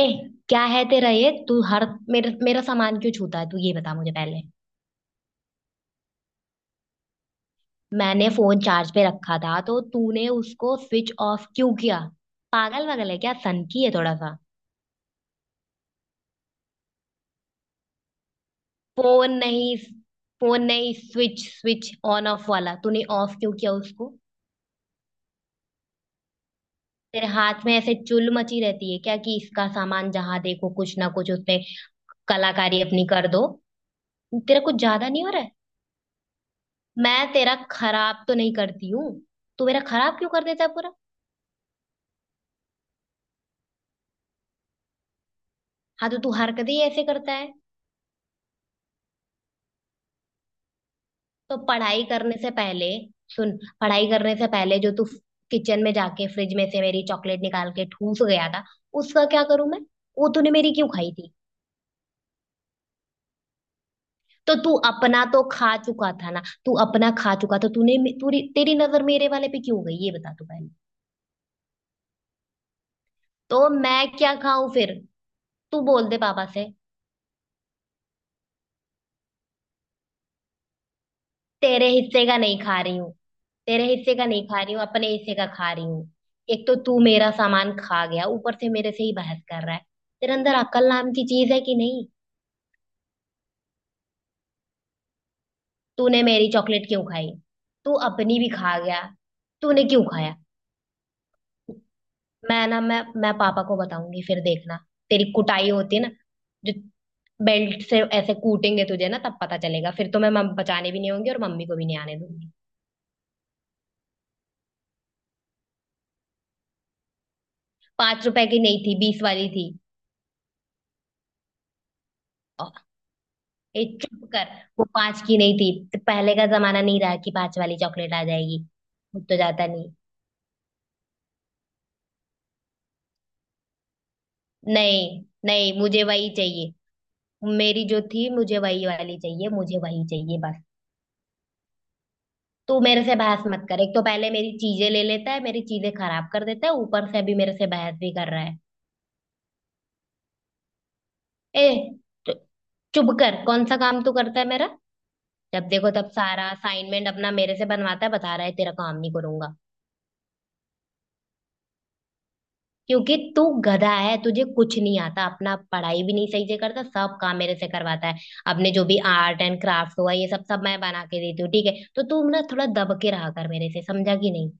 ए, क्या है तेरा? ये तू हर मेरा मेरा सामान क्यों छूता है? तू ये बता मुझे पहले। मैंने फोन चार्ज पे रखा था तो तूने उसको स्विच ऑफ क्यों किया? पागल वागल है क्या? सनकी है थोड़ा सा। फोन नहीं, फोन नहीं, स्विच, ऑन ऑफ वाला, तूने ऑफ क्यों किया उसको? तेरे हाथ में ऐसे चुल मची रहती है क्या, कि इसका सामान जहां देखो कुछ ना कुछ उसमें कलाकारी अपनी कर दो। तेरा कुछ ज्यादा नहीं हो रहा है? मैं तेरा खराब तो नहीं करती हूँ। तू मेरा खराब क्यों कर देता है पूरा? हाँ तो तू हरकत ही ऐसे करता है। तो पढ़ाई करने से पहले, सुन, पढ़ाई करने से पहले जो तू किचन में जाके फ्रिज में से मेरी चॉकलेट निकाल के ठूस गया था, उसका क्या करूं मैं? वो तूने मेरी क्यों खाई थी? तो तू अपना तो खा चुका था ना, तू अपना खा चुका, तो तूने मे- तूरी तेरी नजर मेरे वाले पे क्यों गई, ये बता तू पहले। तो मैं क्या खाऊं फिर? तू बोल दे पापा से। तेरे हिस्से का नहीं खा रही हूँ। तेरे हिस्से का नहीं खा रही हूँ, अपने हिस्से का खा रही हूँ। एक तो तू मेरा सामान खा गया, ऊपर से मेरे से ही बहस कर रहा है। तेरे अंदर अकल नाम की चीज है कि नहीं? तूने मेरी चॉकलेट क्यों खाई? तू अपनी भी खा गया, तूने क्यों खाया? मैं ना, मैं पापा को बताऊंगी, फिर देखना। तेरी कुटाई होती है ना, जो बेल्ट से ऐसे कूटेंगे तुझे ना, तब पता चलेगा। फिर तो मैं मम बचाने भी नहीं होंगी और मम्मी को भी नहीं आने दूंगी। 5 रुपए की नहीं थी, 20 वाली थी। ए, चुप कर। वो पांच की नहीं थी। तो पहले का जमाना नहीं रहा कि पांच वाली चॉकलेट आ जाएगी। मुझ तो जाता नहीं। नहीं नहीं, मुझे वही चाहिए। मेरी जो थी, मुझे वही वाली चाहिए, मुझे वही चाहिए बस। तू मेरे से बहस मत कर। एक तो पहले मेरी चीजें ले लेता है, मेरी चीजें खराब कर देता है, ऊपर से अभी मेरे से बहस भी कर रहा है। ए, तो चुप कर। कौन सा काम तू करता है मेरा? जब देखो तब सारा असाइनमेंट अपना मेरे से बनवाता है, बता रहा है तेरा काम नहीं करूंगा। क्योंकि तू गधा है, तुझे कुछ नहीं आता, अपना पढ़ाई भी नहीं सही से करता, सब काम मेरे से करवाता है। अपने जो भी आर्ट एंड क्राफ्ट हुआ, ये सब सब मैं बना के देती हूँ, ठीक है। तो तू ना थोड़ा दब के रहा कर मेरे से, समझा कि नहीं?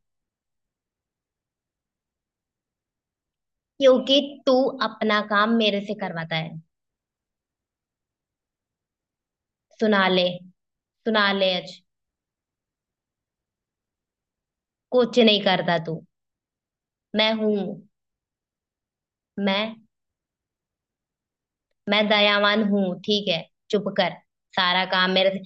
क्योंकि तू अपना काम मेरे से करवाता है। सुना ले, सुना ले आज। कुछ नहीं करता तू। मैं हूं। मैं मैं दयावान हूँ, ठीक है। चुप कर। सारा काम मेरे से।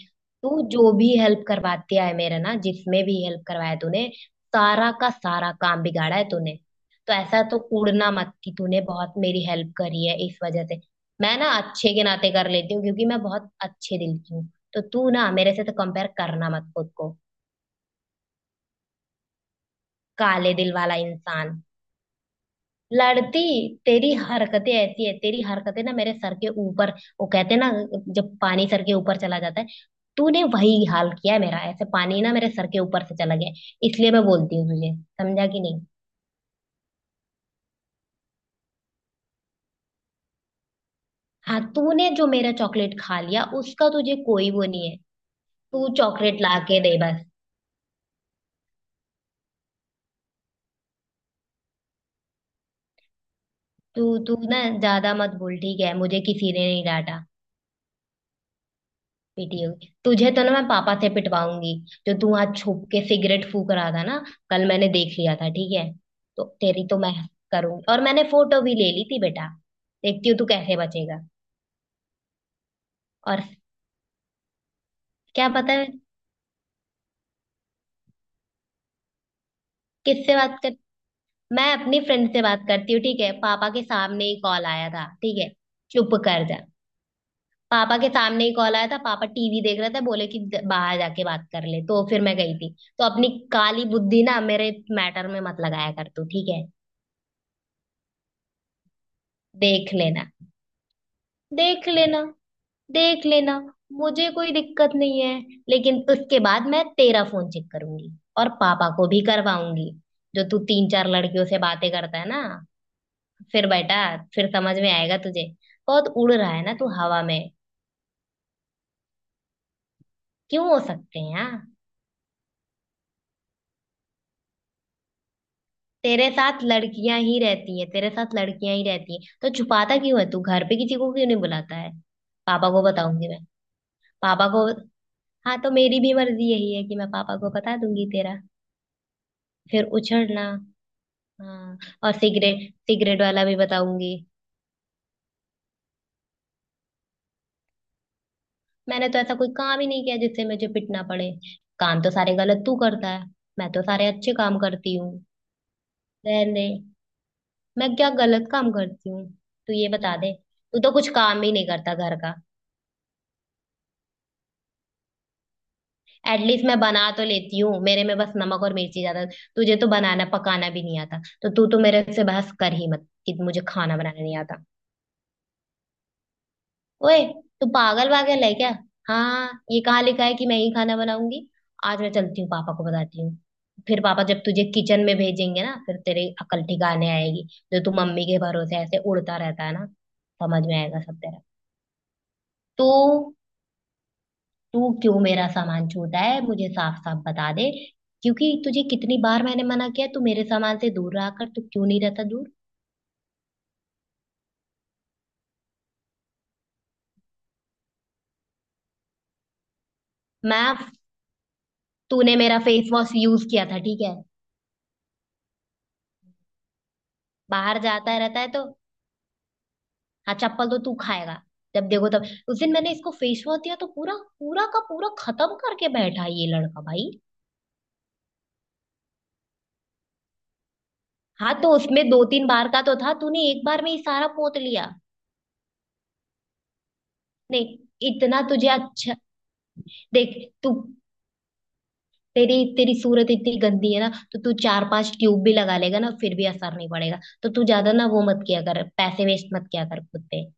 तू जो भी हेल्प करवाती है मेरा ना, जिसमें भी हेल्प करवाया तूने, सारा का सारा काम बिगाड़ा है तूने। तो ऐसा तो कूड़ना मत कि तूने बहुत मेरी हेल्प करी है। इस वजह से मैं ना अच्छे के नाते कर लेती हूँ, क्योंकि मैं बहुत अच्छे दिल की हूँ। तो तू ना मेरे से तो कंपेयर करना मत खुद को, काले दिल वाला इंसान। लड़ती, तेरी हरकतें ऐसी है। तेरी हरकतें ना मेरे सर के ऊपर, वो कहते हैं ना, जब पानी सर के ऊपर चला जाता है, तूने वही हाल किया है मेरा। ऐसे पानी ना मेरे सर के ऊपर से चला गया है, इसलिए मैं बोलती हूँ तुझे। समझा कि नहीं? हाँ, तूने जो मेरा चॉकलेट खा लिया उसका तुझे कोई वो नहीं है। तू चॉकलेट ला के दे बस। तू तू ना ज्यादा मत बोल, ठीक है। मुझे किसी ने नहीं डांटा। पीटी होगी तुझे तो ना, मैं पापा से पिटवाऊंगी। जो तू आज छुप के सिगरेट फूक रहा था ना, कल मैंने देख लिया था, ठीक है। तो तेरी तो मैं करूंगी, और मैंने फोटो भी ले ली थी बेटा। देखती हूँ तू कैसे बचेगा। और क्या पता है? किससे बात कर, मैं अपनी फ्रेंड से बात करती हूँ, ठीक है। पापा के सामने ही कॉल आया था, ठीक है। चुप कर जा। पापा के सामने ही कॉल आया था, पापा टीवी देख रहे थे, बोले कि बाहर जाके बात कर ले, तो फिर मैं गई थी। तो अपनी काली बुद्धि ना मेरे मैटर में मत लगाया कर तू, ठीक है। देख लेना। देख लेना। देख लेना। मुझे कोई दिक्कत नहीं है, लेकिन उसके बाद मैं तेरा फोन चेक करूंगी और पापा को भी करवाऊंगी। जो तू तीन चार लड़कियों से बातें करता है ना, फिर बेटा, फिर समझ में आएगा तुझे। बहुत उड़ रहा है ना तू हवा में। क्यों हो सकते हैं, यार? तेरे साथ लड़कियां ही रहती है, तेरे साथ लड़कियां ही रहती है, तो छुपाता क्यों है तू? घर पे किसी को क्यों नहीं बुलाता है? पापा को बताऊंगी मैं, पापा को। हाँ, तो मेरी भी मर्जी यही है कि मैं पापा को बता दूंगी तेरा। फिर उछड़ना। हाँ, और सिगरेट, सिगरेट वाला भी बताऊंगी। मैंने तो ऐसा कोई काम ही नहीं किया जिससे मुझे पिटना पड़े। काम तो सारे गलत तू करता है, मैं तो सारे अच्छे काम करती हूँ। रहने, मैं क्या गलत काम करती हूँ? तू ये बता दे। तू तो कुछ काम ही नहीं करता घर का। एटलीस्ट मैं बना तो लेती हूँ, मेरे में बस नमक और मिर्ची ज्यादा। तुझे तो बनाना पकाना भी नहीं आता, तो तू तो मेरे से बहस कर ही मत कि मुझे खाना बनाना नहीं आता। ओए, तू पागल वागल है क्या? हाँ, ये कहाँ लिखा है कि मैं ही खाना बनाऊंगी? आज मैं चलती हूँ, पापा को बताती हूँ। फिर पापा जब तुझे किचन में भेजेंगे ना, फिर तेरी अकल ठिकाने आएगी। जो तू मम्मी के भरोसे ऐसे उड़ता रहता है ना, समझ में आएगा सब तेरा। तू तू क्यों मेरा सामान छूता है? मुझे साफ साफ बता दे। क्योंकि तुझे कितनी बार मैंने मना किया तू मेरे सामान से दूर रहा कर, तू क्यों नहीं रहता दूर? मैं, तूने मेरा फेस वॉश यूज किया था, ठीक है। बाहर जाता रहता है तो। हाँ, चप्पल तो तू खाएगा। जब देखो तब। उस दिन मैंने इसको फेस वॉश दिया तो पूरा, पूरा का पूरा खत्म करके बैठा ये लड़का भाई। हाँ, तो उसमें दो तीन बार का तो था, तूने एक बार में ही सारा पोत लिया। नहीं, इतना तुझे अच्छा। देख तू, तेरी तेरी सूरत इतनी गंदी है ना, तो तू चार पांच ट्यूब भी लगा लेगा ना, फिर भी असर नहीं पड़ेगा। तो तू ज्यादा ना वो मत किया कर, पैसे वेस्ट मत किया कर खुद पे।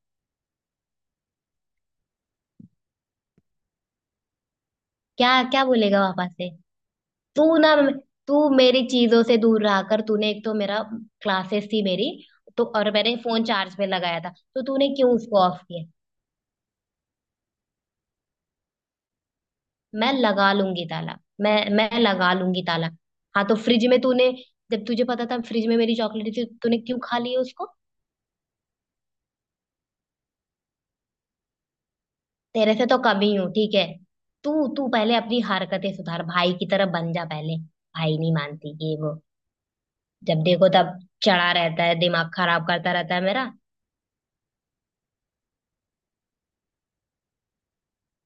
क्या क्या बोलेगा पापा से? तू ना, तू मेरी चीजों से दूर रहा कर। तूने एक तो मेरा, क्लासेस थी मेरी, तो, और मैंने फोन चार्ज पे लगाया था, तो तूने क्यों उसको ऑफ किया? मैं लगा लूंगी ताला, मैं लगा लूंगी ताला। हाँ, तो फ्रिज में तूने, जब तुझे पता था फ्रिज में मेरी चॉकलेट थी, तो तूने क्यों खा ली है उसको? तेरे से तो कम ही हूँ, ठीक है। तू तू पहले अपनी हरकतें सुधार, भाई की तरह बन जा पहले, भाई नहीं मानती ये वो। जब देखो तब चढ़ा रहता है, दिमाग खराब करता रहता है मेरा।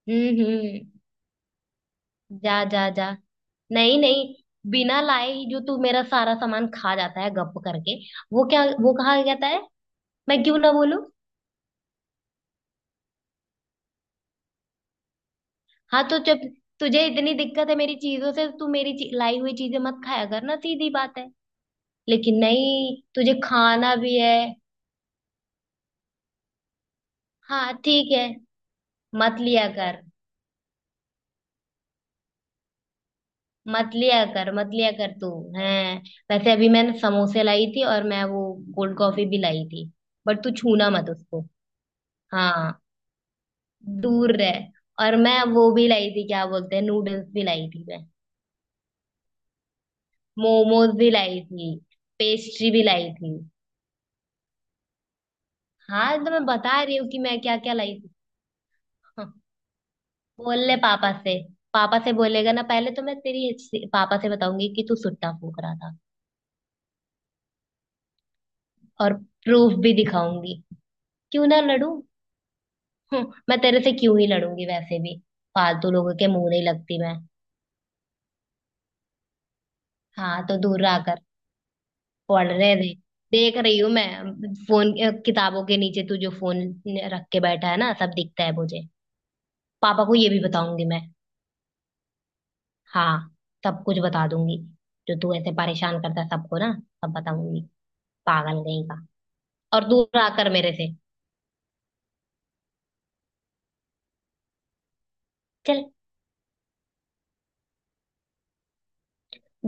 हम्म। जा जा जा। नहीं नहीं, बिना लाए ही जो तू मेरा सारा सामान खा जाता है गप करके, वो क्या वो कहा जाता है। मैं क्यों ना बोलूं? हाँ, तो जब तुझे इतनी दिक्कत है मेरी चीजों से, तू मेरी लाई हुई चीजें मत खाया कर ना, सीधी बात है। लेकिन नहीं, तुझे खाना भी है। हाँ ठीक है। मत लिया कर, मत लिया कर, मत लिया कर तू। है, वैसे अभी मैंने समोसे लाई थी, और मैं वो कोल्ड कॉफी भी लाई थी। बट तू छूना मत उसको। हाँ, दूर रहे। और मैं वो भी लाई थी, क्या बोलते हैं, नूडल्स भी लाई थी मैं। मोमोज भी लाई थी। पेस्ट्री भी लाई थी। हाँ तो मैं बता रही हूँ कि मैं क्या क्या लाई थी। हाँ, बोल ले पापा से। पापा से बोलेगा ना, पहले तो मैं पापा से बताऊंगी कि तू सुट्टा फूंक रहा था, और प्रूफ भी दिखाऊंगी। क्यों ना लड़ू? मैं तेरे से क्यों ही लड़ूंगी? वैसे भी फालतू लोगों के मुंह नहीं लगती मैं। हाँ, तो दूर रहा कर। पढ़ रहे थे? देख रही हूँ मैं फोन, किताबों के नीचे तू जो फोन रख के बैठा है ना, सब दिखता है मुझे। पापा को ये भी बताऊंगी मैं। हाँ, सब कुछ बता दूंगी। जो तू ऐसे परेशान करता है सबको ना, सब बताऊंगी। पागल कहीं का। और दूर आकर मेरे से। चल,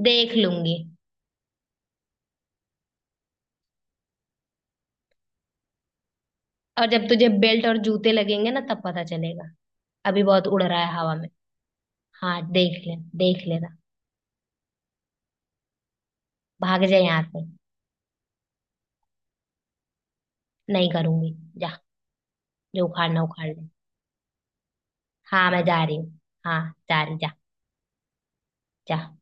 देख लूंगी। और जब तुझे बेल्ट और जूते लगेंगे ना, तब पता चलेगा। अभी बहुत उड़ रहा है हवा में। हाँ, देख ले। देख लेना। भाग जाए यहाँ से। नहीं करूंगी। जा, जो उखाड़ना उखाड़ ले। हाँ, मैं जा रही हूँ। हाँ, जा रही, जा। जा।